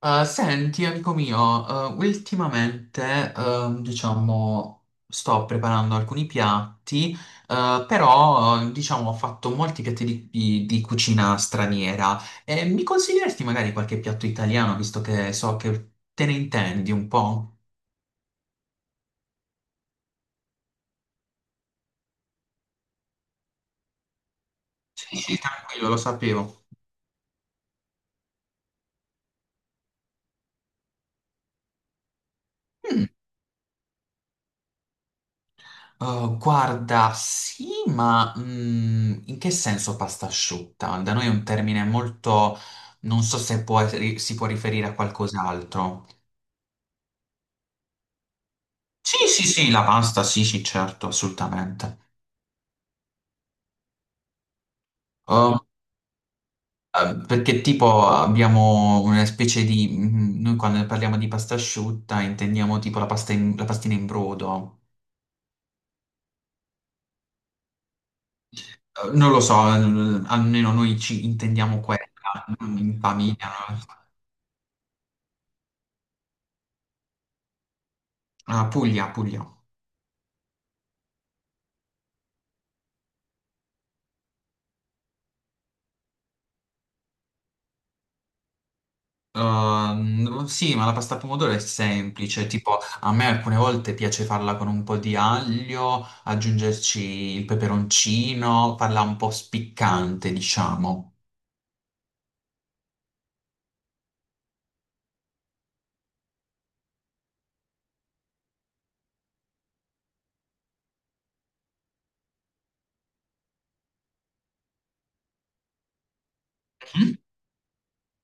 Senti, amico mio, ultimamente, diciamo, sto preparando alcuni piatti, però, diciamo, ho fatto molti piatti di cucina straniera. E mi consiglieresti magari qualche piatto italiano, visto che so che te ne intendi un po'? Sì, sì, sì, tranquillo, lo sapevo. Mm, guarda, sì, ma in che senso pasta asciutta? Da noi è un termine molto Non so se può- si può riferire a qualcos'altro. Sì, sì, sì, la pasta, sì, sì, certo, assolutamente. Um, Perché tipo abbiamo una specie di noi quando parliamo di pasta asciutta intendiamo tipo la la pastina in brodo. Non lo so, almeno noi ci intendiamo quella, in famiglia, no? Ah, Puglia, Puglia. Sì, ma la pasta al pomodoro è semplice, tipo a me alcune volte piace farla con un po' di aglio, aggiungerci il peperoncino, farla un po' spiccante, diciamo.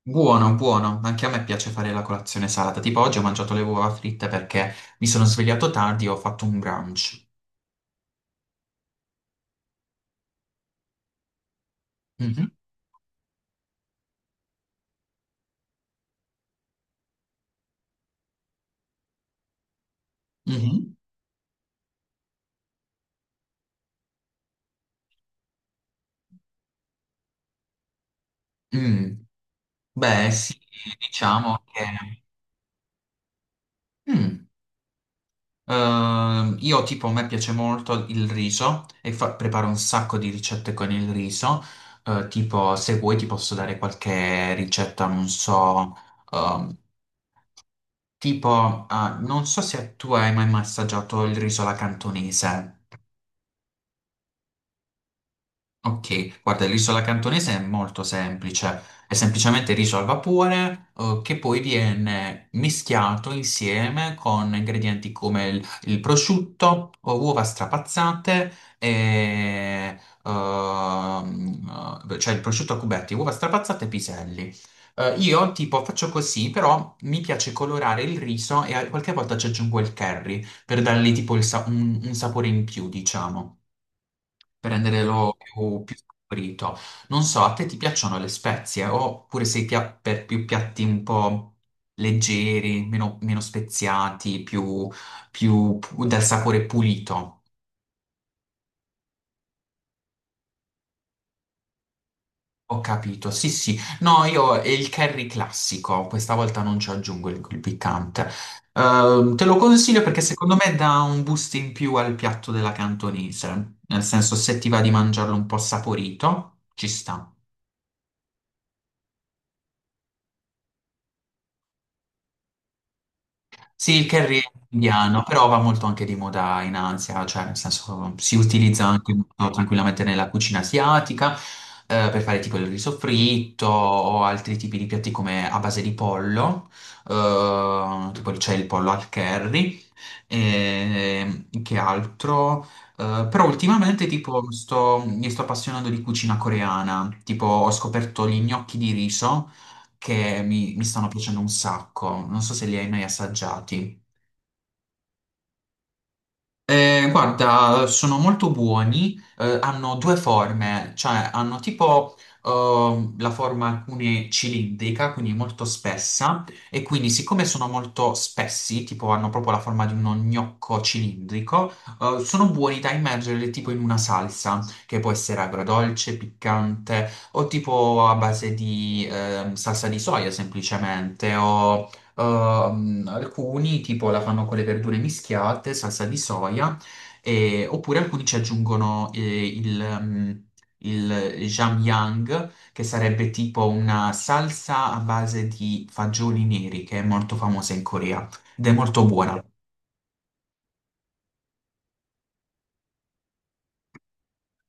Buono, buono, anche a me piace fare la colazione salata, tipo oggi ho mangiato le uova fritte perché mi sono svegliato tardi e ho fatto un brunch. Mhm, mhm. Mm. Beh, sì, diciamo che... Mm. Io tipo a me piace molto il riso e preparo un sacco di ricette con il riso. Tipo, se vuoi ti posso dare qualche ricetta, non so, ehm, tipo, ah, non so se tu hai mai assaggiato il riso alla cantonese. Ok, guarda, l'isola cantonese è molto semplice, è semplicemente riso al vapore, che poi viene mischiato insieme con ingredienti come il prosciutto, o uova strapazzate e, cioè il prosciutto a cubetti, uova strapazzate e piselli. Io tipo faccio così, però mi piace colorare il riso e qualche volta ci aggiungo il curry per dargli tipo il un sapore in più, diciamo, per renderlo più, più saporito. Non so, a te ti piacciono le spezie oppure sei per più piatti un po' leggeri, meno, meno speziati, più, più dal sapore pulito? Ho capito, sì sì. No, io è il curry classico, questa volta non ci aggiungo il piccante. Te lo consiglio perché secondo me dà un boost in più al piatto della cantonese, nel senso se ti va di mangiarlo un po' saporito, ci sta. Sì, il curry è indiano, però va molto anche di moda in Asia, cioè nel senso si utilizza anche molto tranquillamente nella cucina asiatica, per fare tipo il riso fritto o altri tipi di piatti come a base di pollo, tipo c'è il pollo al curry, e che altro? Però ultimamente mi sto appassionando di cucina coreana, tipo ho scoperto gli gnocchi di riso che mi stanno piacendo un sacco. Non so se li hai mai assaggiati. Guarda, sono molto buoni, hanno due forme, cioè hanno tipo la forma alcune cilindrica, quindi molto spessa, e quindi siccome sono molto spessi, tipo hanno proprio la forma di uno gnocco cilindrico, sono buoni da immergere tipo in una salsa, che può essere agrodolce, piccante, o tipo a base di salsa di soia semplicemente. Alcuni tipo la fanno con le verdure mischiate, salsa di soia, oppure alcuni ci aggiungono il Jamyang, che sarebbe tipo una salsa a base di fagioli neri, che è molto famosa in Corea ed è molto buona.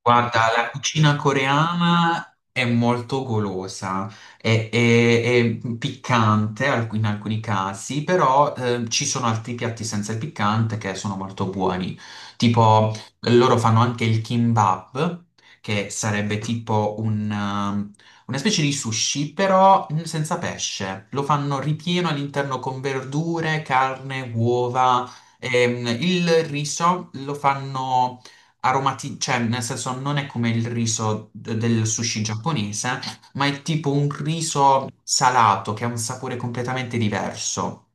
Guarda, la cucina coreana è molto golosa, è, è- è piccante in alcuni casi, però ci sono altri piatti senza il piccante che sono molto buoni. Tipo, loro fanno anche il kimbap, che sarebbe tipo un, una specie di sushi, però senza pesce. Lo fanno ripieno all'interno con verdure, carne, uova. Il riso lo fanno aromati, cioè nel senso non è come il riso del sushi giapponese, ma è tipo un riso salato che ha un sapore completamente diverso.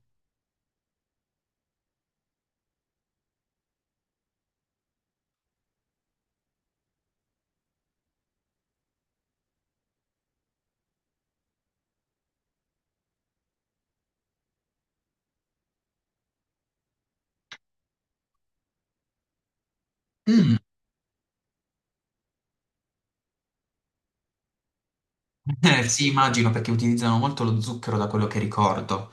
Mm. Sì, immagino perché utilizzano molto lo zucchero da quello che ricordo.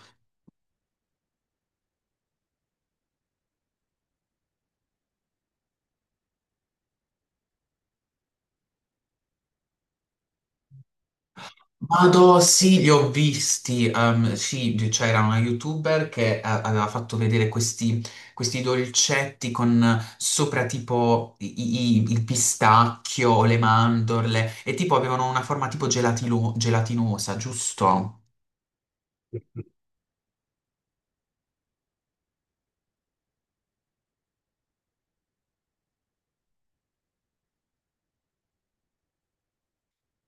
Vado, sì, li ho visti. Sì, c'era una YouTuber che aveva fatto vedere questi, questi dolcetti con sopra tipo il pistacchio, o le mandorle e tipo avevano una forma tipo gelatinosa, giusto?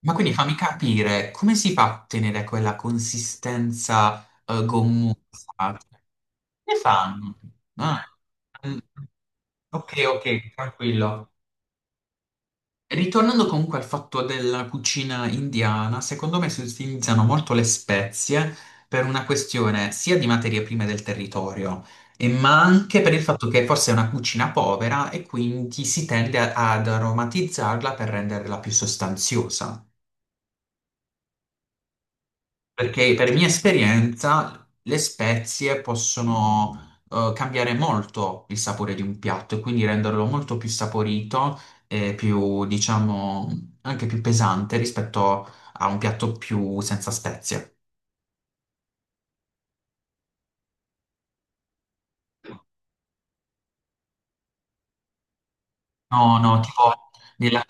Ma quindi fammi capire, come si fa a ottenere quella consistenza gommosa? Come fanno? Ah, mm, ok, ok, tranquillo. Ritornando comunque al fatto della cucina indiana, secondo me si utilizzano molto le spezie per una questione sia di materie prime del territorio, e ma anche per il fatto che forse è una cucina povera e quindi si tende ad aromatizzarla per renderla più sostanziosa. Perché per mia esperienza le spezie possono cambiare molto il sapore di un piatto e quindi renderlo molto più saporito e più, diciamo, anche più pesante rispetto a un piatto più senza spezie. No, no, tipo nella...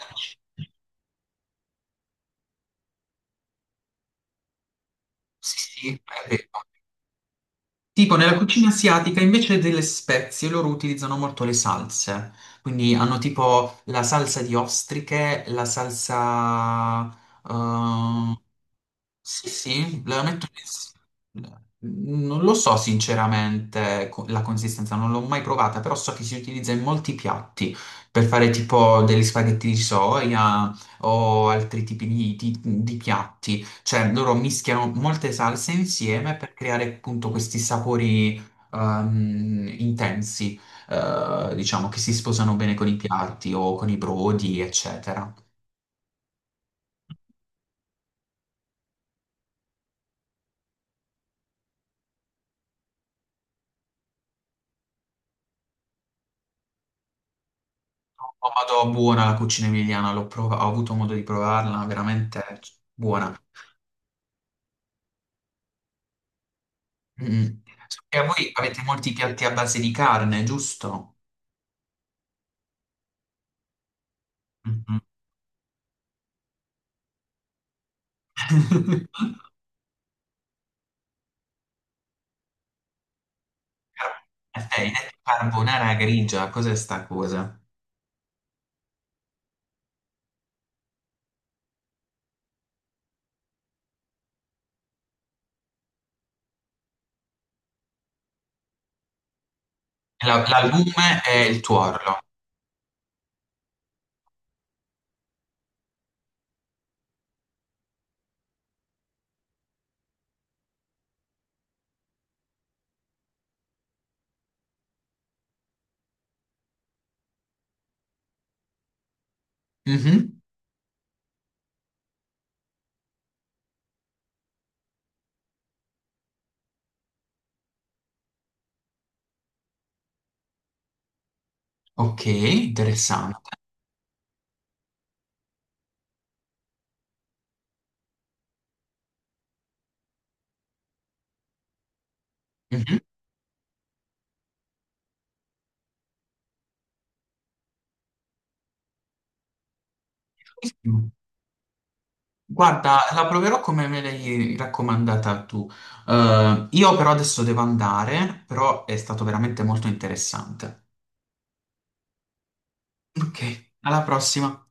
Sì, sì, è vero. Tipo nella cucina asiatica invece delle spezie loro utilizzano molto le salse, quindi hanno tipo la salsa di ostriche, la salsa... ehm, Sì, sì, la metto in- non lo so sinceramente la consistenza, non l'ho mai provata, però so che si utilizza in molti piatti per fare tipo degli spaghetti di soia o altri tipi di piatti. Cioè loro mischiano molte salse insieme per creare appunto questi sapori intensi, diciamo, che si sposano bene con i piatti o con i brodi, eccetera. Oh, madò, buona la cucina emiliana, ho avuto modo di provarla, veramente buona. Mm. E voi avete molti piatti a base di carne, giusto? Mhm. Hai detto carbonara grigia, cos'è sta cosa? L'albume e il tuorlo. Mhm. Ok, interessante. Mhm. Benissimo. Guarda, la proverò come me l'hai raccomandata tu. Io però adesso devo andare, però è stato veramente molto interessante. Ok, alla prossima.